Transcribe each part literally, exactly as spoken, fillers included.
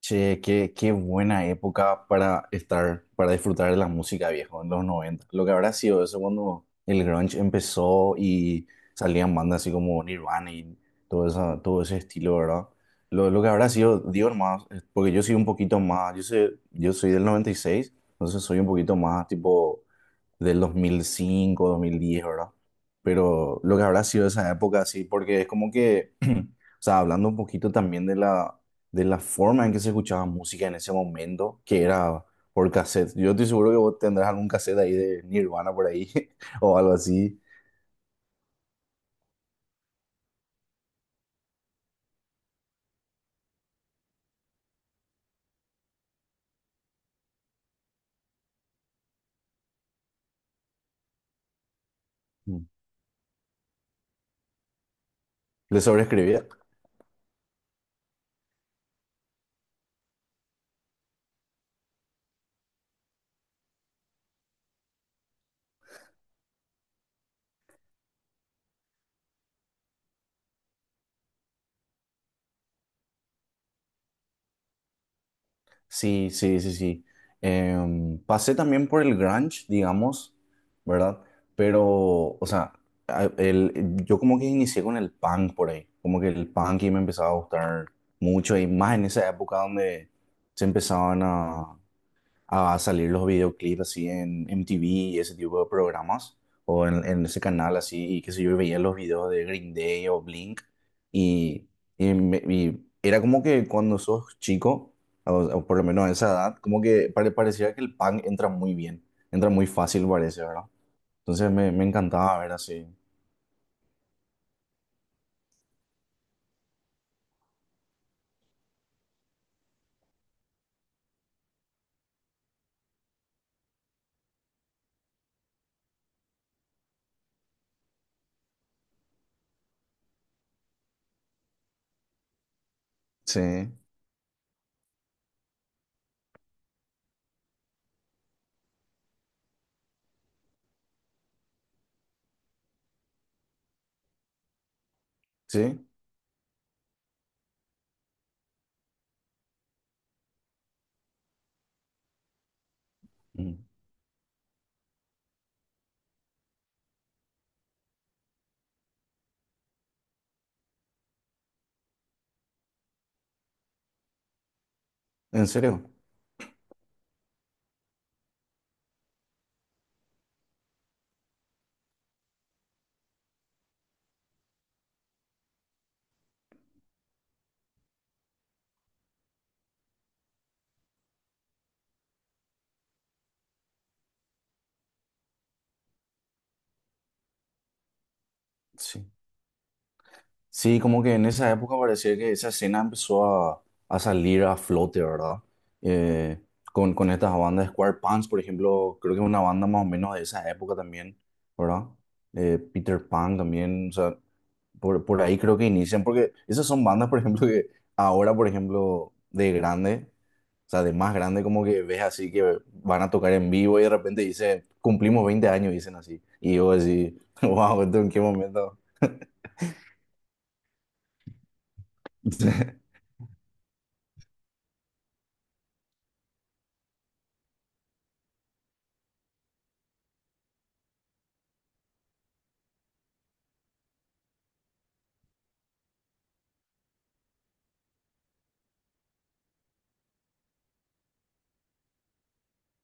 Che, qué, qué buena época para estar, para disfrutar de la música viejo en los noventa. Lo que habrá sido eso cuando el grunge empezó y salían bandas así como Nirvana y todo, esa, todo ese estilo, ¿verdad? Lo, lo que habrá sido, digo más, porque yo soy un poquito más, yo sé, yo soy del noventa y seis, entonces soy un poquito más tipo del dos dos mil cinco, dos mil diez, ¿verdad? Pero lo que habrá sido esa época así, porque es como que... O sea, hablando un poquito también de la, de la forma en que se escuchaba música en ese momento, que era por cassette. Yo estoy seguro que vos tendrás algún cassette ahí de Nirvana por ahí o algo así. Mm. ¿Le sobreescribía? Sí, sí, sí, sí. Em, pasé también por el grunge, digamos, ¿verdad? Pero, o sea, a- el, yo como que inicié con el punk por ahí, como que el punk, y me empezaba a gustar mucho, y más en esa época donde se empezaban a a salir los videoclips así en M T V y ese tipo de programas, o en, en ese canal así, y qué sé yo, y veía los videos de Green Day o Blink. y, y me- y era como que cuando sos chico, o, o por lo menos a esa edad, como que pare- parecía que el punk entra muy bien, entra muy fácil, parece, ¿verdad? Entonces me, me encantaba ver así. Sí, sí. Mm. ¿En serio? Sí. Sí, como que en esa época parecía que esa escena empezó a, a salir a flote, ¿verdad? Eh, con, con estas bandas Square Pants, por ejemplo, creo que es una banda más o menos de esa época también, ¿verdad? Eh, Peter Pan también, o sea, por, por ahí creo que inician, porque esas son bandas, por ejemplo, que ahora, por ejemplo, de grande, o sea, de más grande, como que ves así que van a tocar en vivo y de repente dicen, cumplimos veinte años, dicen así. Y yo así, wow, ¿esto en qué momento?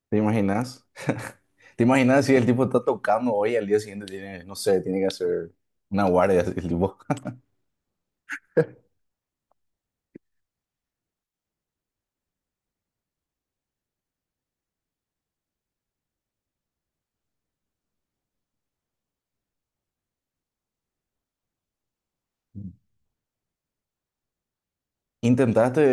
¿Te imaginas? ¿Te imaginas si el tipo está tocando hoy y al día siguiente tiene, no sé, tiene que hacer una guardia el tipo? Intentaste,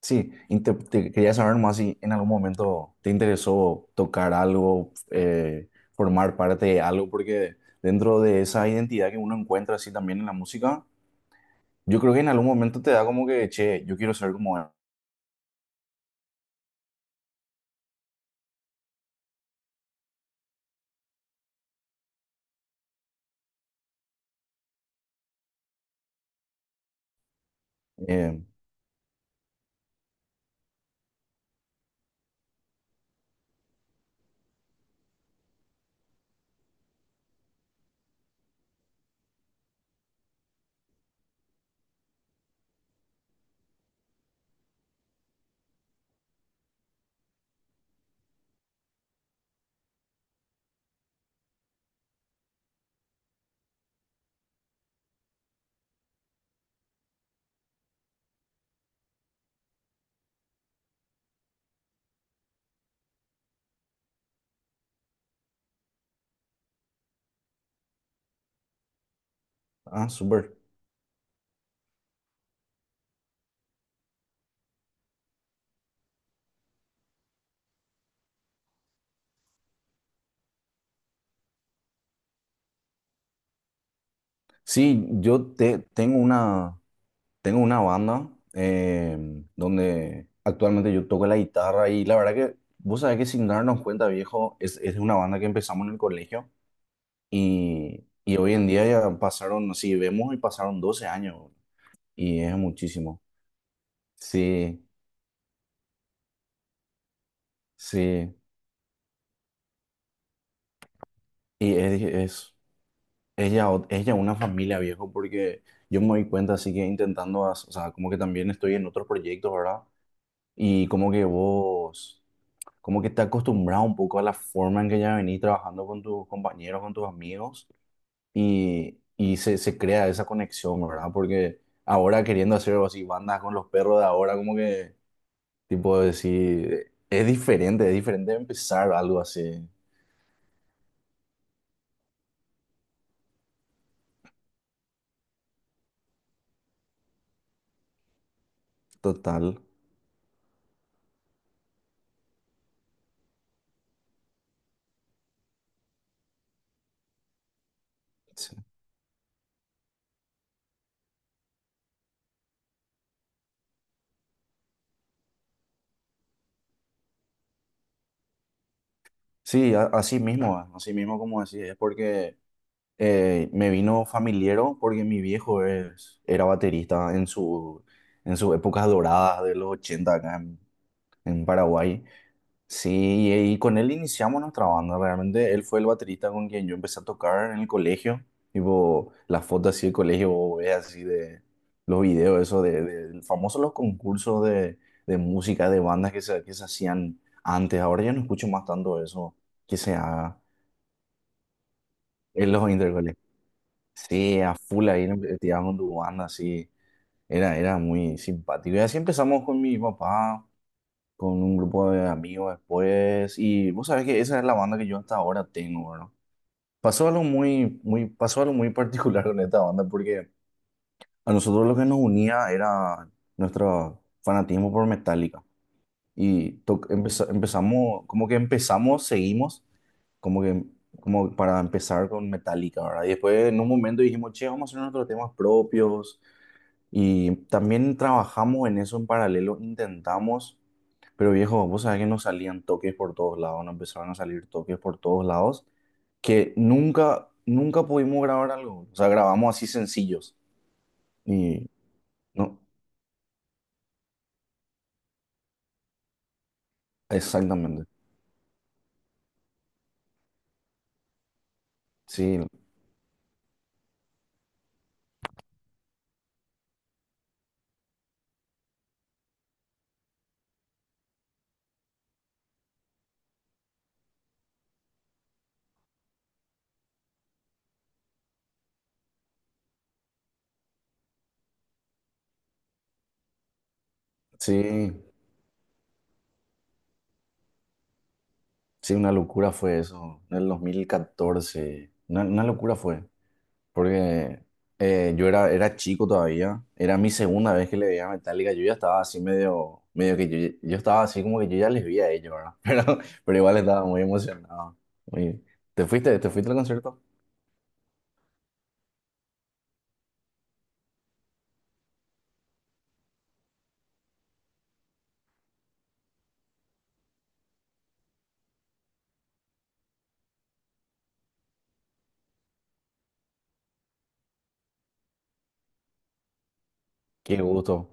sí, inte- te quería saber más si en algún momento te interesó tocar algo, eh, formar parte de algo, porque dentro de esa identidad que uno encuentra así también en la música, yo creo que en algún momento te da como que, che, yo quiero ser como él. Eh, ah, súper. Sí, yo te, tengo una. Tengo una banda eh, donde actualmente yo toco la guitarra, y la verdad que vos sabés que sin darnos cuenta, viejo, es, es una banda que empezamos en el colegio, y, y hoy en día ya pasaron, si vemos, y pasaron doce años, y es muchísimo. Sí, sí. Y es, es, es ya, ot- es ya una familia, viejo, porque yo me doy cuenta, así que intentando, as- o sea, como que también estoy en otros proyectos, ¿verdad? Y como que vos... como que te acostumbras un poco a la forma en que ya venís trabajando con tus compañeros, con tus amigos, y, y se, se crea esa conexión, ¿verdad? Porque ahora queriendo hacer algo así, bandas con los perros de ahora, como que, tipo, decir, es diferente, es diferente empezar algo así, total. Sí, sí, a- así mismo, ah, así mismo como decís, es porque eh, me vino familiero, porque mi viejo es, era baterista en su, en sus épocas doradas de los ochenta acá en en Paraguay. Sí, y con él iniciamos nuestra banda. Realmente él fue el baterista con quien yo empecé a tocar en el colegio. Tipo, las fotos así del colegio, vos ves así de los videos, eso de, de famosos los concursos de, de música, de bandas que se, que se hacían antes. Ahora ya no escucho más tanto eso que se haga en los intercolegios. Sí, a full ahí tiramos con tu banda, así. Era, era muy simpático. Y así empezamos con mi papá, con un grupo de amigos después, y vos sabés que esa es la banda que yo hasta ahora tengo, ¿verdad? Pasó algo muy, muy, pasó algo muy particular con esta banda, porque a nosotros lo que nos unía era nuestro fanatismo por Metallica, y to- empeza- empezamos, como que empezamos, seguimos, como que como para empezar con Metallica, ¿verdad? Y después en un momento dijimos, che, vamos a hacer nuestros temas propios, y también trabajamos en eso en paralelo, intentamos, pero viejo, vos sabés que nos salían toques por todos lados, nos empezaron a salir toques por todos lados, que nunca, nunca pudimos grabar algo. O sea, grabamos así sencillos. Y no, exactamente. Sí, sí, sí, una locura fue eso. En el dos mil catorce, una, una locura fue, porque eh, yo era, era chico todavía, era mi segunda vez que le veía a Metallica, yo ya estaba así medio, medio que yo, yo estaba así como que yo ya les vi a ellos, ¿verdad? Pero, pero igual estaba muy emocionado. Muy- ¿Te fuiste? ¿Te fuiste al concierto? Qué gusto.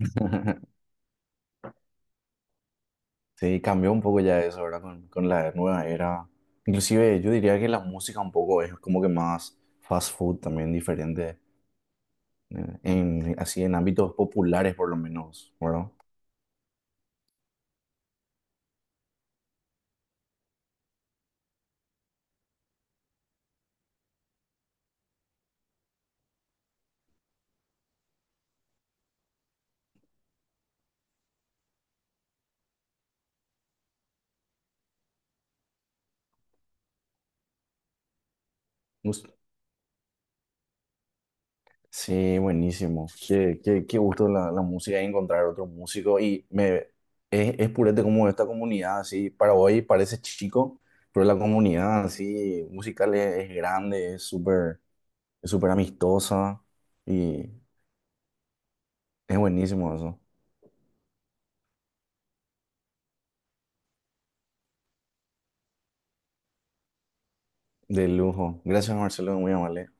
Sí, cambió un poco ya eso, ¿verdad? Con, con la nueva era. Inclusive yo diría que la música un poco es como que más fast food también diferente, eh, en, así en ámbitos populares por lo menos, ¿verdad? Sí, buenísimo. Qué, qué, qué gusto la, la música, y encontrar otro músico. Y me, es, es purete como esta comunidad, así, para hoy parece chico, pero la comunidad así musical es, es grande, es súper, es súper amistosa, y es buenísimo eso. De lujo. Gracias, Marcelo, muy amable.